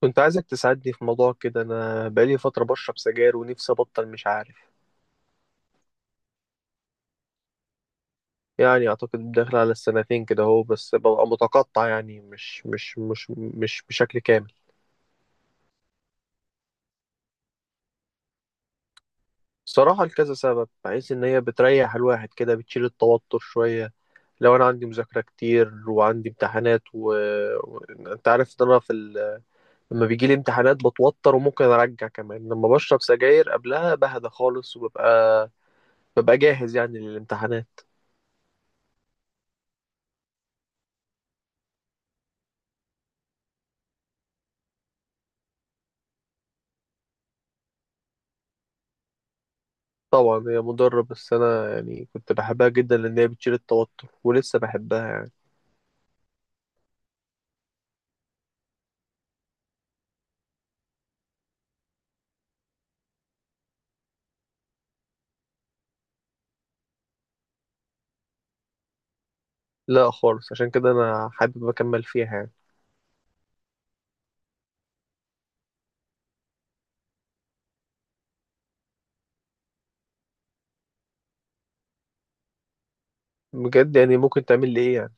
كنت عايزك تساعدني في موضوع كده. انا بقالي فتره بشرب سجاير ونفسي ابطل، مش عارف. يعني اعتقد داخل على السنتين كده اهو، بس ببقى متقطع، يعني مش بشكل كامل. صراحه لكذا سبب، بحيث ان هي بتريح الواحد كده، بتشيل التوتر شويه. لو انا عندي مذاكره كتير وعندي امتحانات و... انت عارف ان انا لما بيجي لي امتحانات بتوتر، وممكن ارجع كمان لما بشرب سجاير قبلها بهدى خالص، وببقى ببقى جاهز يعني للامتحانات. طبعا هي مضرة، بس أنا يعني كنت بحبها جدا لأن هي بتشيل التوتر، ولسه بحبها يعني. لا خالص، عشان كده أنا حابب أكمل فيها يعني. بجد؟ يعني ممكن تعمل لي إيه يعني؟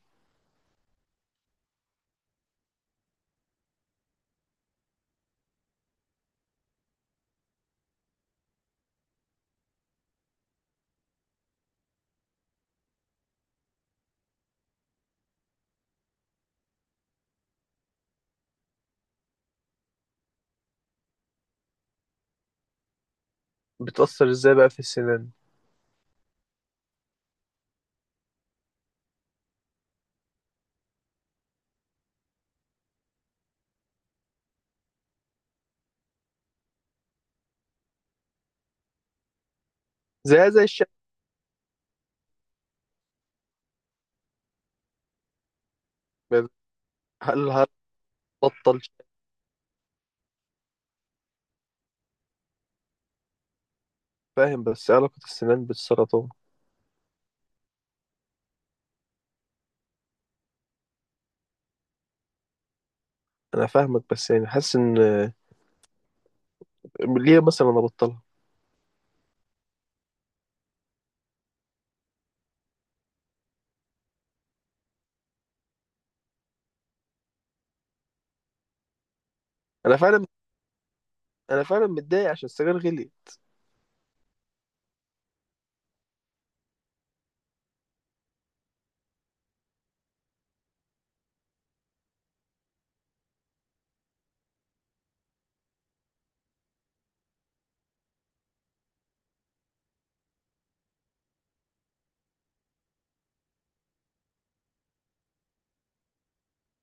بتأثر إزاي بقى في السنان؟ زي الشعر؟ هل هتبطل شعر؟ فاهم، بس إيه علاقة السنان بالسرطان؟ أنا فاهمك، بس يعني حاسس إن ليه مثلا أنا أبطلها. أنا فعلا أنا فعلا متضايق عشان السجاير غلي.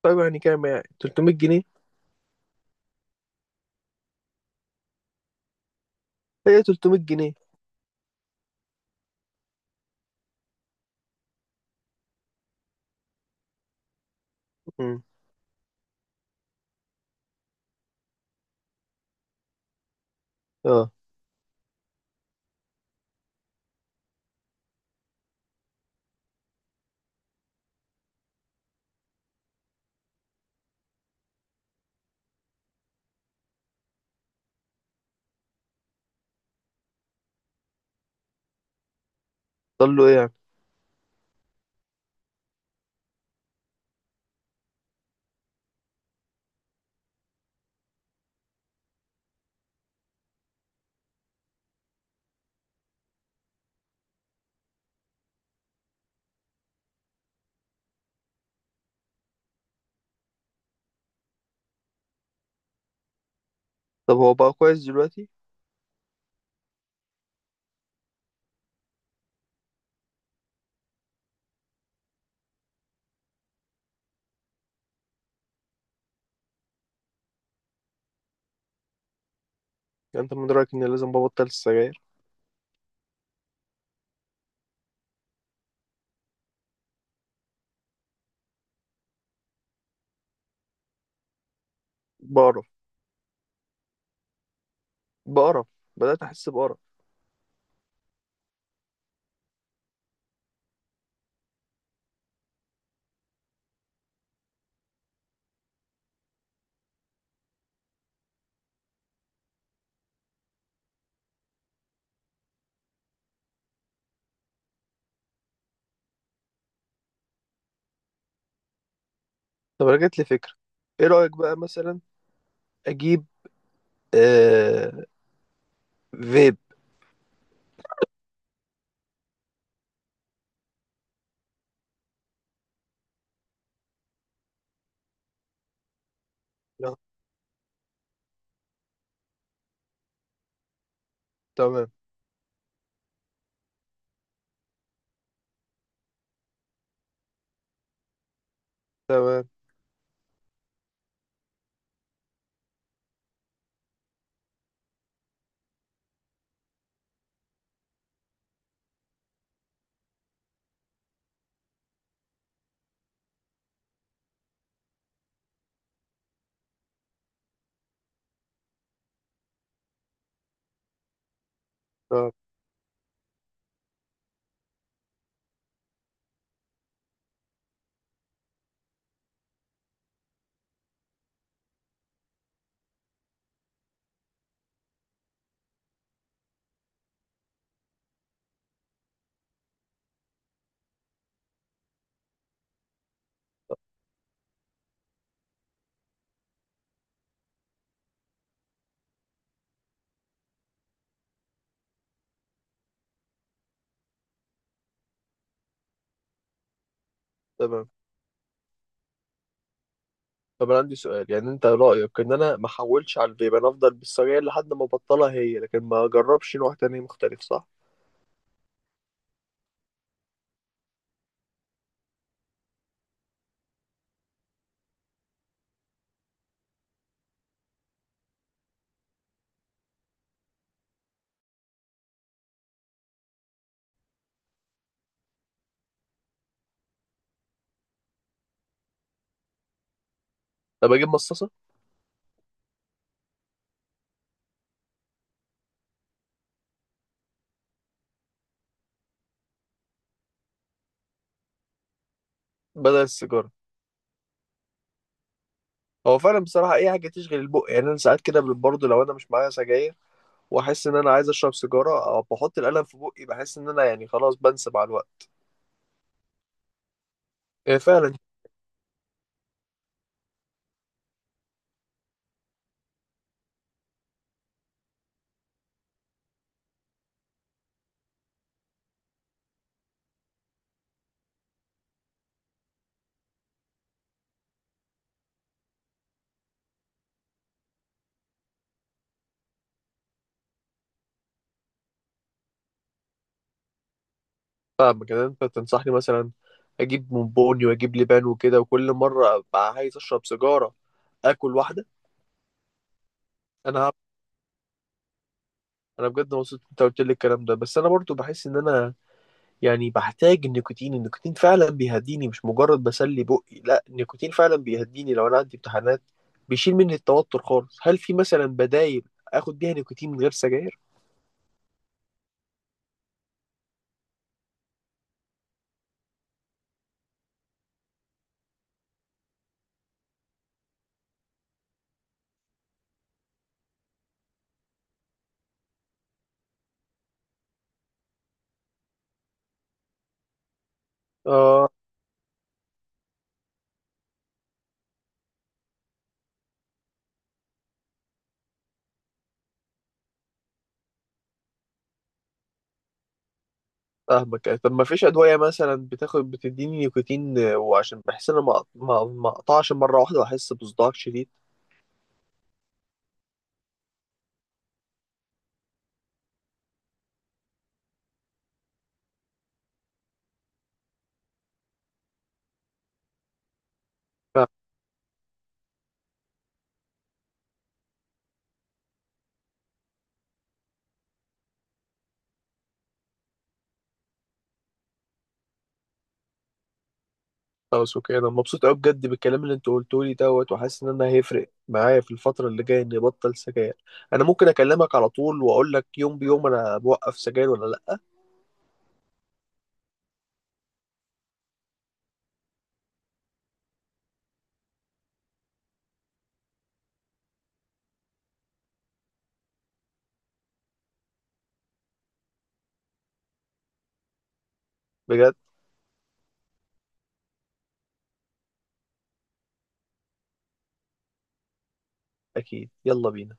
طيب يعني كام؟ يعني 300 جنيه؟ هي 300 جنيه؟ أمم. أه. ضل له إيه يعني؟ طب هو بقى كويس دلوقتي؟ يعني انت من رايك اني لازم ببطل السجاير؟ بقرف. بقرف. بدات احس بقرف. طب انا جات لي فكره. ايه رايك بقى مثلا؟ اجيب آه فيب؟ لا. تمام. تمام. تمام. تمام. طب انا عندي سؤال. يعني انت رايك ان انا ما احولش على الفيب؟ انا افضل بالسجاير لحد ما ابطلها هي، لكن ما اجربش نوع تاني مختلف، صح؟ طب اجيب مصاصه؟ بدل السيجاره. هو فعلا بصراحه اي حاجه تشغل البق. يعني انا ساعات كده برضه لو انا مش معايا سجاير واحس ان انا عايز اشرب سيجاره، او بحط القلم في بقي، بحس ان انا يعني خلاص بنسى مع الوقت. إيه فعلا. فاهم كده. انت تنصحني مثلا اجيب بونبوني واجيب لبان وكده، وكل مره ابقى عايز اشرب سيجاره اكل واحده؟ انا هعمل- انا بجد مبسوط إن انت قلت لي الكلام ده، بس انا برضو بحس ان انا يعني بحتاج النيكوتين. النيكوتين فعلا بيهديني، مش مجرد بسلي بقي. لا، النيكوتين فعلا بيهديني لو انا عندي امتحانات، بيشيل مني التوتر خالص. هل في مثلا بدايل اخد بيها نيكوتين من غير سجاير؟ آه. فاهمك. يعني طب ما فيش ادويه مثلا بتاخد بتديني نيكوتين، وعشان بحس ان انا ما اقطعش مره واحده واحس بصداع شديد. فاهم. خلاص، اوكي. انا مبسوط قوي بجد بالكلام اللي انت قلته لي دوت، وحاسس ان انا هيفرق معايا في الفتره اللي جايه اني ابطل سجاير. انا ممكن اكلمك على طول واقول لك يوم بيوم انا بوقف سجاير ولا لا. بجد. اكيد، يلا بينا.